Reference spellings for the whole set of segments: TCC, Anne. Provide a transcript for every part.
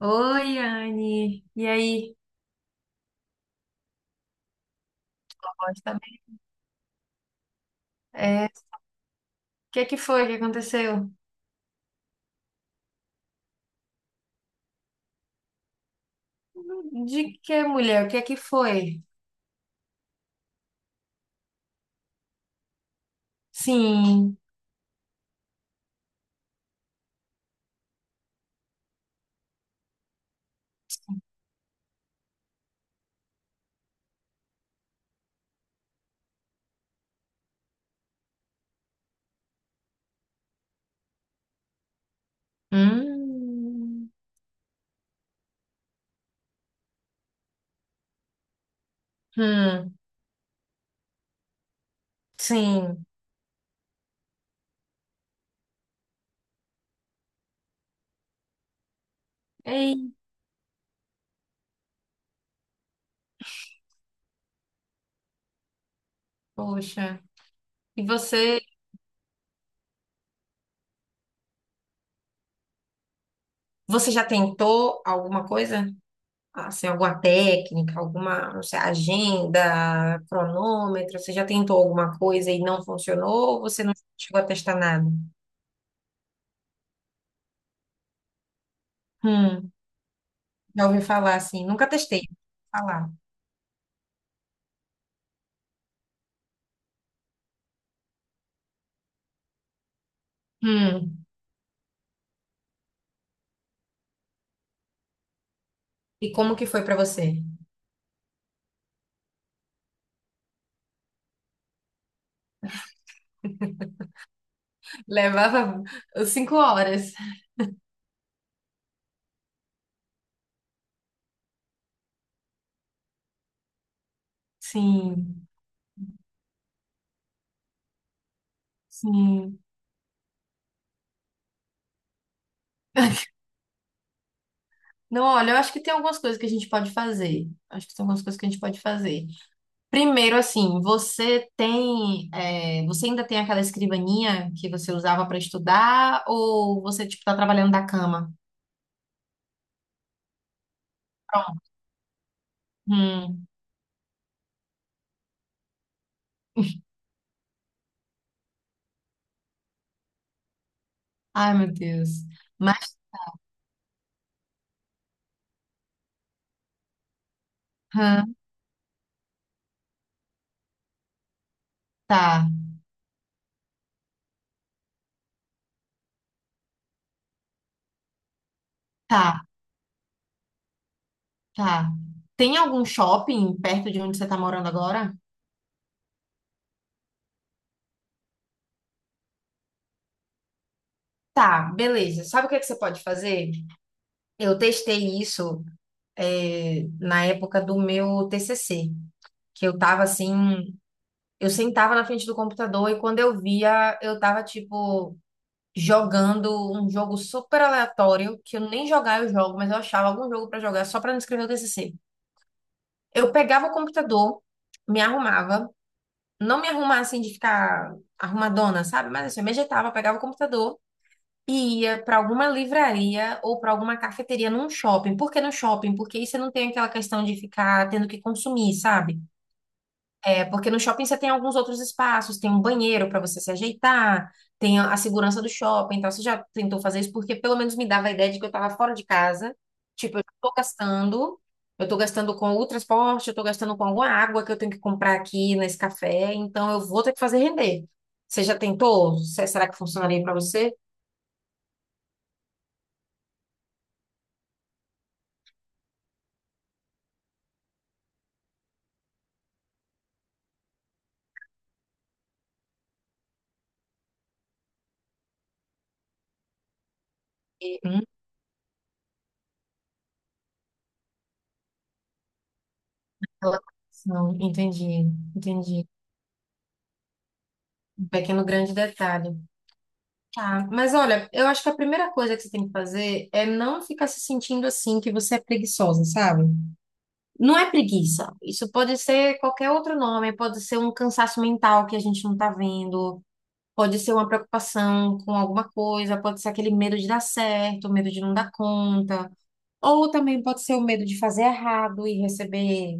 Oi, Anne. E aí? Pode também. É, o que é que foi que aconteceu? De que mulher? O que é que foi? Sim. Hum. Hum. Sim. Ei, poxa. E você já tentou alguma coisa? Assim, alguma técnica, alguma, não sei, agenda, cronômetro? Você já tentou alguma coisa e não funcionou? Ou você não chegou a testar nada? Hum. Já ouvi falar assim. Nunca testei. Falar. Hum. E como que foi pra você? Levava 5 horas. Sim, sim. Não, olha, eu acho que tem algumas coisas que a gente pode fazer. Acho que tem algumas coisas que a gente pode fazer. Primeiro, assim, você tem, é, você ainda tem aquela escrivaninha que você usava para estudar ou você, tipo, tá trabalhando da cama? Pronto. Hum. Ai, meu Deus. Mas, hã, tá, tá, tá. Tem algum shopping perto de onde você tá morando agora? Tá, beleza. Sabe o que que você pode fazer? Eu testei isso é, na época do meu TCC, que eu tava assim, eu sentava na frente do computador e quando eu via, eu tava tipo jogando um jogo super aleatório, que eu nem jogar eu jogo, mas eu achava algum jogo pra jogar só pra não escrever o TCC. Eu pegava o computador, me arrumava, não me arrumava assim de ficar arrumadona, sabe? Mas assim, eu me ajeitava, pegava o computador e ia para alguma livraria ou para alguma cafeteria num shopping. Por que no shopping? Porque aí você não tem aquela questão de ficar tendo que consumir, sabe? É porque no shopping você tem alguns outros espaços, tem um banheiro para você se ajeitar, tem a segurança do shopping. Então você já tentou fazer isso porque pelo menos me dava a ideia de que eu estava fora de casa, tipo, eu estou gastando. Eu estou gastando com o transporte, eu estou gastando com alguma água que eu tenho que comprar aqui nesse café, então eu vou ter que fazer render. Você já tentou? Será que funcionaria para você? Aquela conexão. Entendi, entendi. Um pequeno grande detalhe. Tá. Mas olha, eu acho que a primeira coisa que você tem que fazer é não ficar se sentindo assim que você é preguiçosa, sabe? Não é preguiça. Isso pode ser qualquer outro nome, pode ser um cansaço mental que a gente não tá vendo, pode ser uma preocupação com alguma coisa, pode ser aquele medo de dar certo, medo de não dar conta, ou também pode ser o medo de fazer errado e receber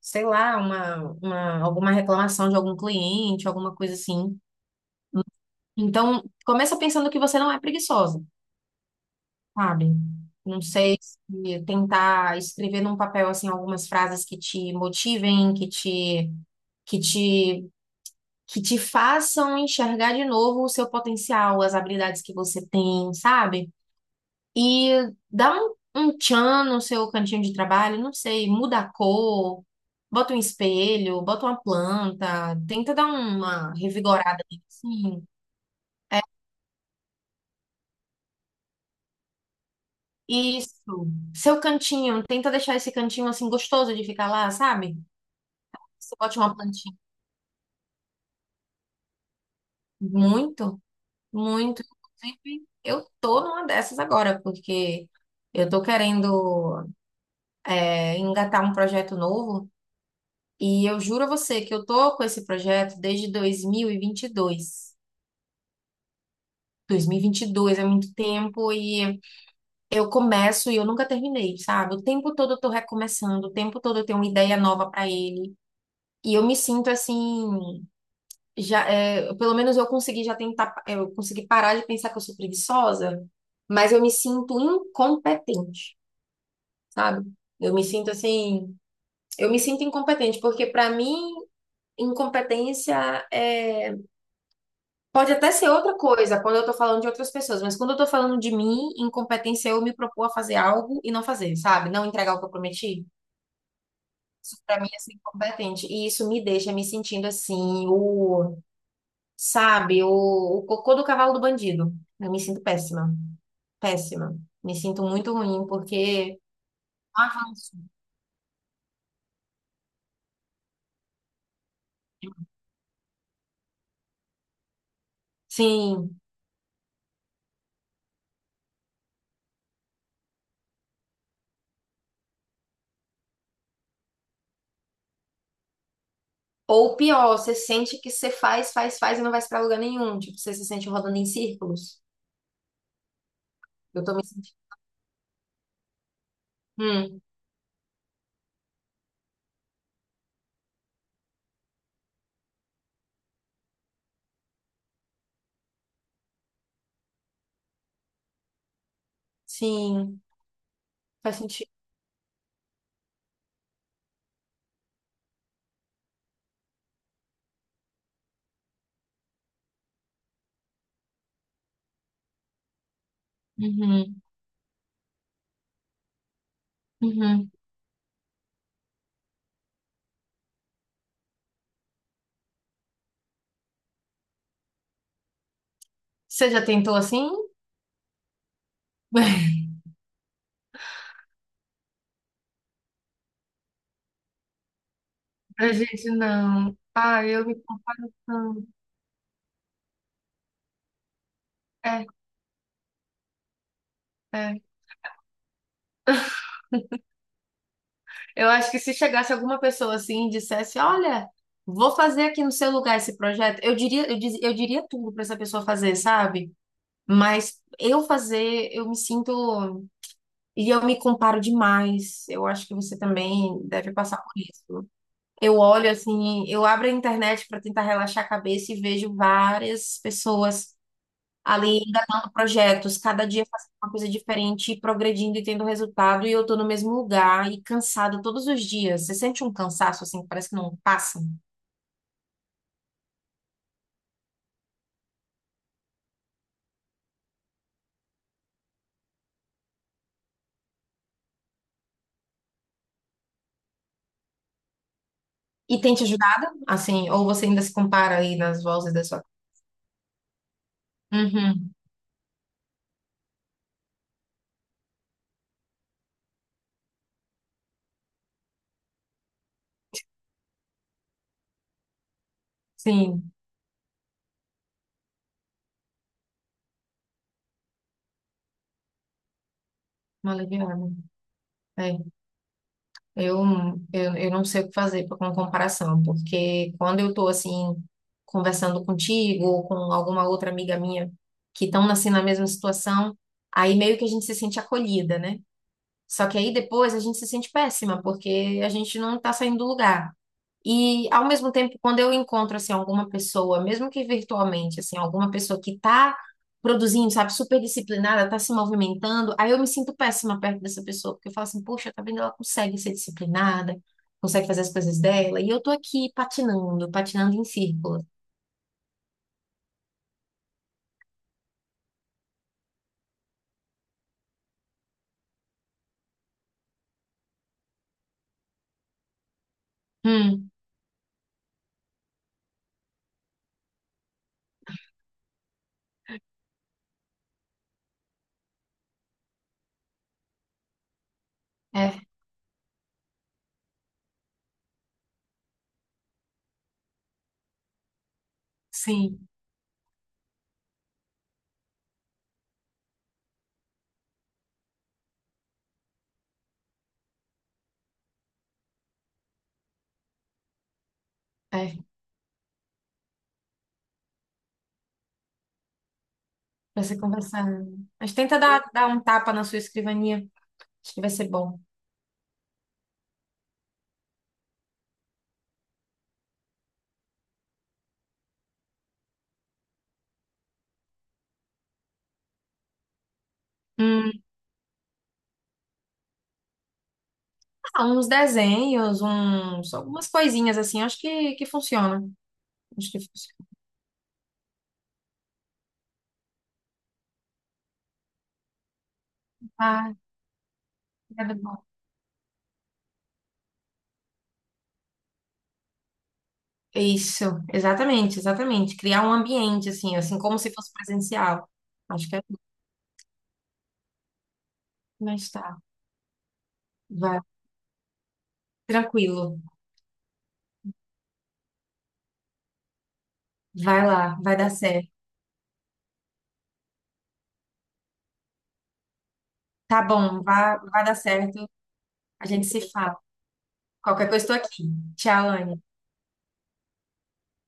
sei lá, alguma reclamação de algum cliente, alguma coisa assim. Então, começa pensando que você não é preguiçosa, sabe? Não sei se tentar escrever num papel assim algumas frases que te motivem, que te que te façam enxergar de novo o seu potencial, as habilidades que você tem, sabe? E dá um tchan no seu cantinho de trabalho, não sei, muda a cor, bota um espelho, bota uma planta, tenta dar uma revigorada nele, assim. É isso. Seu cantinho, tenta deixar esse cantinho assim gostoso de ficar lá, sabe? Você bote uma plantinha. Muito, muito. Inclusive, eu tô numa dessas agora, porque eu tô querendo é, engatar um projeto novo. E eu juro a você que eu tô com esse projeto desde dois mil e vinte e dois. Dois mil e vinte e dois é muito tempo e eu começo e eu nunca terminei, sabe? O tempo todo eu tô recomeçando, o tempo todo eu tenho uma ideia nova pra ele. E eu me sinto assim, já, é, pelo menos eu consegui já tentar, é, eu consegui parar de pensar que eu sou preguiçosa, mas eu me sinto incompetente, sabe? Eu me sinto assim, eu me sinto incompetente, porque pra mim incompetência é pode até ser outra coisa quando eu tô falando de outras pessoas, mas quando eu tô falando de mim, incompetência é eu me propor a fazer algo e não fazer, sabe? Não entregar o que eu prometi. Isso pra mim é ser incompetente. E isso me deixa me sentindo assim, o, sabe, o cocô do cavalo do bandido. Eu me sinto péssima, péssima. Me sinto muito ruim porque não avanço. Sim. Ou pior, você sente que você faz, faz, faz e não vai pra lugar nenhum. Tipo, você se sente rodando em círculos. Eu tô me sentindo. Hum, sim, faz sentido. Uhum, uhum. Você já tentou assim? Pra gente não. Ah, eu me confundo. É, é. Eu acho que se chegasse alguma pessoa assim e dissesse, olha, vou fazer aqui no seu lugar esse projeto, eu diria, eu diria tudo pra essa pessoa fazer, sabe? Mas eu fazer, eu me sinto e eu me comparo demais. Eu acho que você também deve passar por isso. Eu olho assim, eu abro a internet pra tentar relaxar a cabeça e vejo várias pessoas ali engatando projetos, cada dia fazendo uma coisa diferente, e progredindo e tendo resultado, e eu tô no mesmo lugar e cansada todos os dias. Você sente um cansaço assim, que parece que não passa? E tem te ajudado? Assim, ou você ainda se compara aí nas vozes da sua. Uhum, sim, uma aliviada. É, eu, eu não sei o que fazer pra- com comparação, porque quando eu tô assim, conversando contigo ou com alguma outra amiga minha que estão assim na mesma situação, aí meio que a gente se sente acolhida, né? Só que aí depois a gente se sente péssima, porque a gente não tá saindo do lugar. E ao mesmo tempo, quando eu encontro assim alguma pessoa, mesmo que virtualmente, assim, alguma pessoa que tá produzindo, sabe, super disciplinada, tá se movimentando, aí eu me sinto péssima perto dessa pessoa, porque eu falo assim, poxa, tá vendo, ela consegue ser disciplinada, consegue fazer as coisas dela, e eu tô aqui patinando, patinando em círculo. Hum, é, sim, é, vai ser conversar. Mas tenta dar, dar um tapa na sua escrivaninha, acho que vai ser bom. Hum. Ah, uns desenhos, uns, algumas coisinhas assim, acho que funciona. Acho que funciona. Ah, nada bom. Isso, exatamente, exatamente. Criar um ambiente, assim, assim, como se fosse presencial. Acho que é mas tá. Vai, tranquilo. Vai lá, vai dar certo. Tá bom, vai, vai dar certo. A gente se fala. Qualquer coisa, estou aqui. Tchau, Anne.